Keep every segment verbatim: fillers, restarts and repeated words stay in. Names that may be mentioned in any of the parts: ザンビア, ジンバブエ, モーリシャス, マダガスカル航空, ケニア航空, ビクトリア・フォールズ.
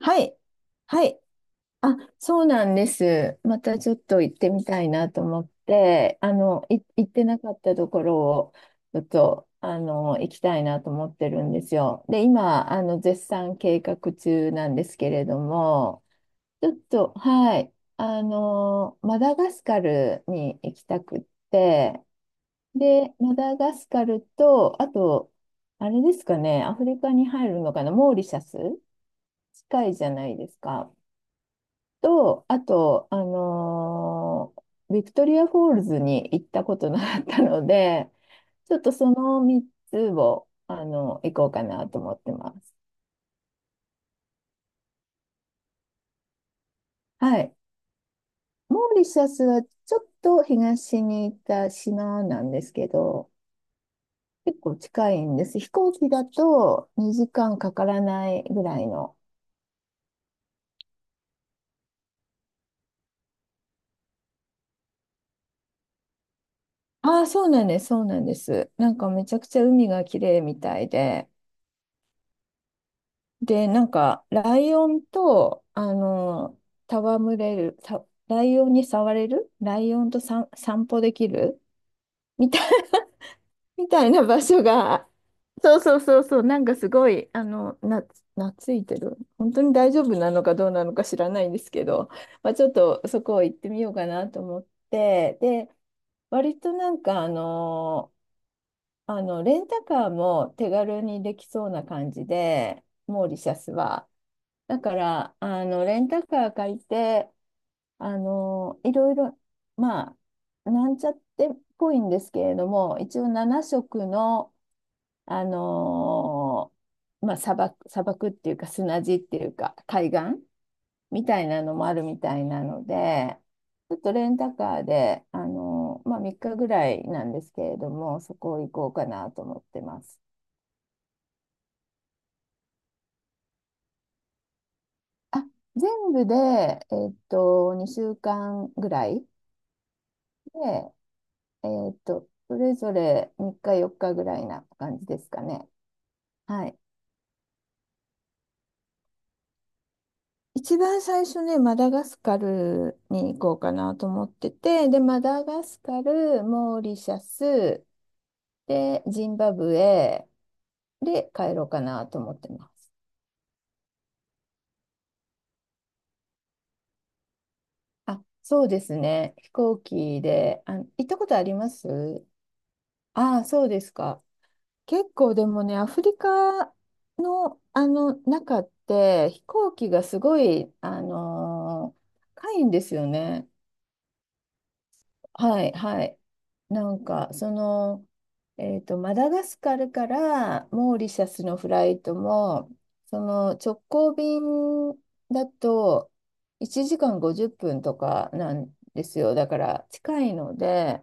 はい。はい。あ、そうなんです。またちょっと行ってみたいなと思って、あの、い、行ってなかったところを、ちょっと、あの、行きたいなと思ってるんですよ。で、今、あの、絶賛計画中なんですけれども、ちょっと、はい。あの、マダガスカルに行きたくって、で、マダガスカルと、あと、あれですかね、アフリカに入るのかな、モーリシャス近いじゃないですか。と、あと、あのービクトリア・フォールズに行ったことなかったので、ちょっとそのみっつを、あの、行こうかなと思ってます。はい。モーリシャスはちょっと東に行った島なんですけど、結構近いんです。飛行機だとにじかんかからないぐらいの。ああ、そうなんです、そうなんです。なんかめちゃくちゃ海が綺麗みたいで、で、なんか、ライオンと、あの、戯れる、さライオンに触れるライオンとさ散歩できるみたい、みたいな場所が、そうそうそうそう、なんかすごい、あの、な、懐いてる。本当に大丈夫なのかどうなのか知らないんですけど、まあ、ちょっとそこを行ってみようかなと思って、で、割となんか、あの、あの、レンタカーも手軽にできそうな感じで、モーリシャスは。だから、あの、レンタカー借りて、あの、いろいろ、まあ、なんちゃってっぽいんですけれども、一応なな色の、あのまあ、砂漠、砂漠っていうか砂地っていうか海岸みたいなのもあるみたいなので、ちょっとレンタカーで、あのまあ、みっかぐらいなんですけれども、そこ行こうかなと思ってます。あ全部で、えっと、にしゅうかんぐらいで、えーっと、それぞれみっかよっかぐらいな感じですかね。はい。一番最初ね、マダガスカルに行こうかなと思ってて、で、マダガスカル、モーリシャス、で、ジンバブエで帰ろうかなと思ってます。あ、そうですね。飛行機で、あ、行ったことあります？ああ、そうですか。結構でもね、アフリカの、あの中って飛行機がすごい、あのー高いんですよね。はいはい。なんかその、えーと、マダガスカルからモーリシャスのフライトもその直行便だといちじかんごじゅっぷんとかなんですよ。だから近いので。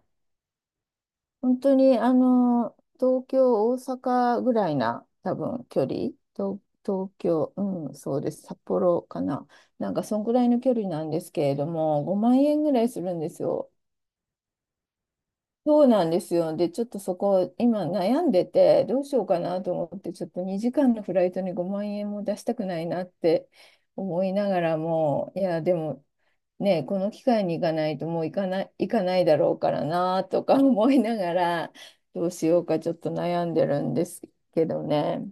本当に、あの、東京、大阪ぐらいな、多分、距離。東、東京、うん、そうです。札幌かな。なんか、そんぐらいの距離なんですけれども、ごまん円ぐらいするんですよ。そうなんですよ。で、ちょっとそこ、今悩んでて、どうしようかなと思って、ちょっとにじかんのフライトにごまん円も出したくないなって思いながらも、いや、でも、ね、この機会に行かないともう行かない、行かないだろうからなとか 思いながら、どうしようかちょっと悩んでるんですけどね。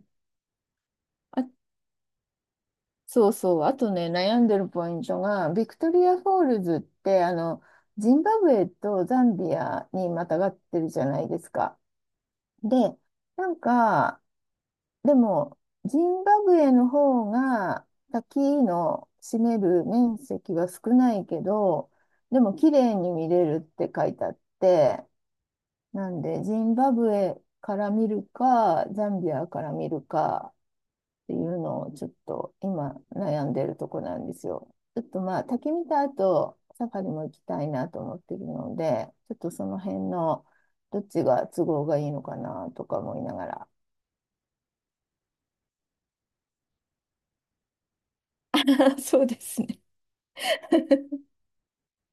あ、そうそう、あとね、悩んでるポイントが、ビクトリア・フォールズって、あの、ジンバブエとザンビアにまたがってるじゃないですか。で、なんか、でも、ジンバブエの方が滝の占める面積は少ないけど、でも綺麗に見れるって書いてあって、なんで、ジンバブエから見るか、ザンビアから見るかっていうのをちょっと今悩んでるとこなんですよ。ちょっとまあ、滝見た後、サファリも行きたいなと思ってるので、ちょっとその辺のどっちが都合がいいのかなとか思いながら。あ、そうですね。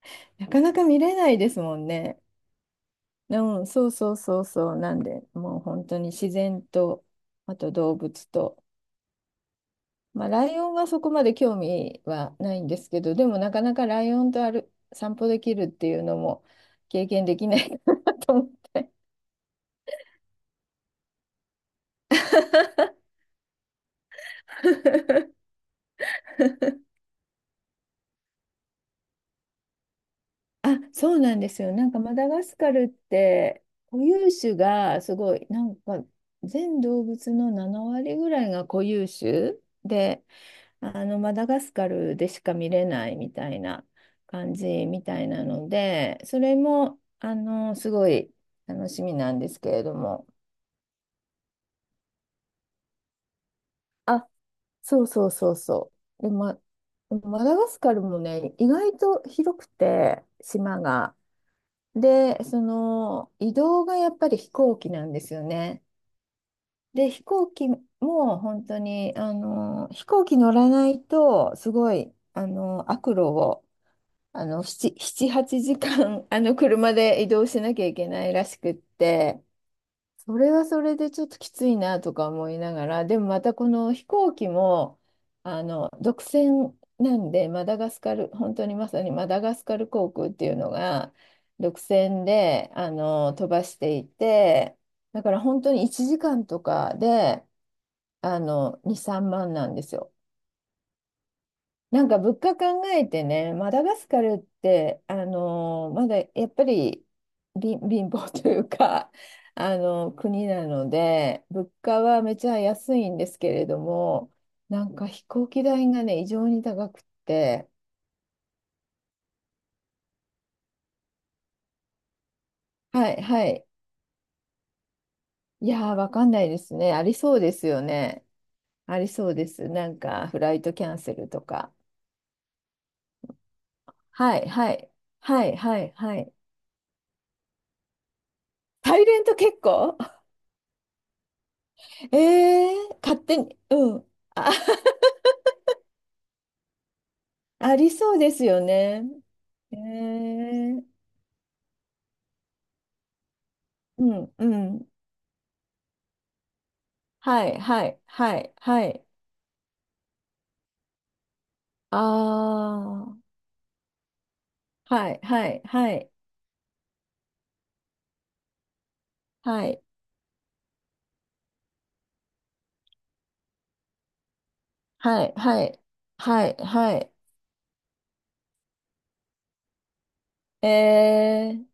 なかなか見れないですもんね。うん、そうそうそうそう。なんで、もう本当に自然と、あと動物と。まあ、ライオンはそこまで興味はないんですけど、でもなかなかライオンとある散歩できるっていうのも経験できない なと思って。あ、そうなんですよ。なんかマダガスカルって固有種がすごい、なんか全動物のなな割ぐらいが固有種で、あのマダガスカルでしか見れないみたいな感じみたいなので、それもあのすごい楽しみなんですけれども。あ、そうそうそうそう。で、ま、マダガスカルもね、意外と広くて、島が。で、その移動がやっぱり飛行機なんですよね。で、飛行機も本当に、あの、飛行機乗らないと、すごい、あの、悪路をあの、なな、なな、はちじかん、あの、車で移動しなきゃいけないらしくって、それはそれでちょっときついなとか思いながら、でもまたこの飛行機も、あの、独占なんで、マダガスカル、本当にまさにマダガスカル航空っていうのが、独占で、あの、飛ばしていて、だから本当にいちじかんとかで、あの、に、さんまんなんですよ。なんか物価考えてね、マダガスカルって、あのーまだやっぱり貧、貧乏というか、あの国なので、物価はめちゃ安いんですけれども、なんか飛行機代がね、異常に高くって、はいはい、いやー、わかんないですね、ありそうですよね、ありそうです、なんかフライトキャンセルとか、はいはいはいはいはい、サイレント結構 えー、勝手に、うん。あありそうですよね。えー、うん、うん。はい、はい、はい、はい。ああ、はい、はい、はい、はい、はい、はい、はい、はい。えー、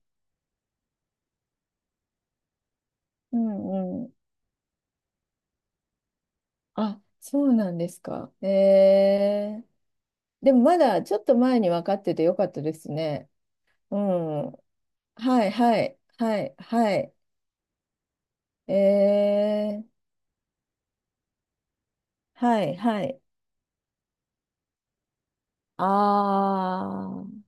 うん、うん。あ、そうなんですか。えー、でもまだちょっと前に分かっててよかったですね。うん。はいはいはいはい。えー、はいはい。あ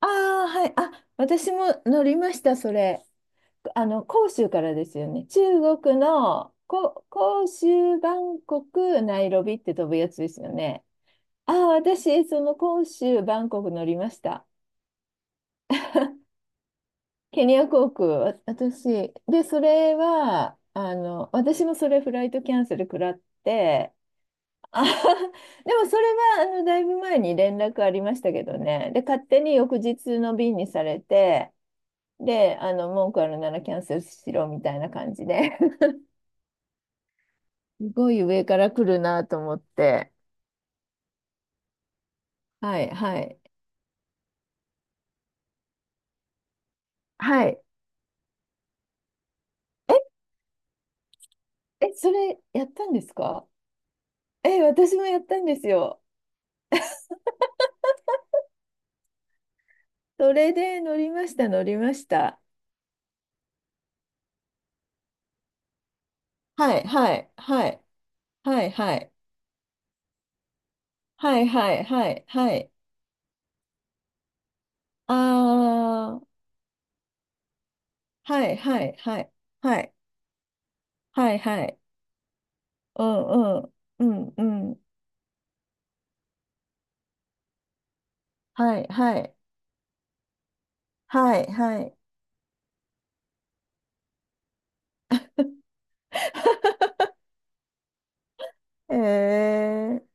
ああ、はい。あ、私も乗りました、それ。あの、広州からですよね。中国の、こ、広州、バンコク、ナイロビって飛ぶやつですよね。ああ、私、その広州、バンコク乗りました。ケニア航空、わ私。で、それは、あの、私もそれフライトキャンセル食らって、あ でもそれは、あの、だいぶ前に連絡ありましたけどね。で、勝手に翌日の便にされて、で、あの、文句あるならキャンセルしろみたいな感じで すごい上から来るなと思って。はい、はい。はい。え、え、それやったんですか？え、私もやったんですよ。それで乗りました、乗りました。はい、はい、はい、はい、はい、はい、はい、はい、はい。あー、はい、はい、はい、はい、はい、はい。うん、うん、うん、うん。はい、はい、はい、はい。えー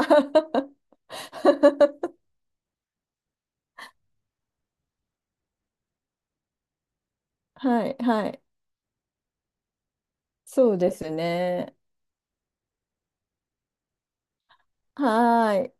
はい、はい。そうですね。はーい。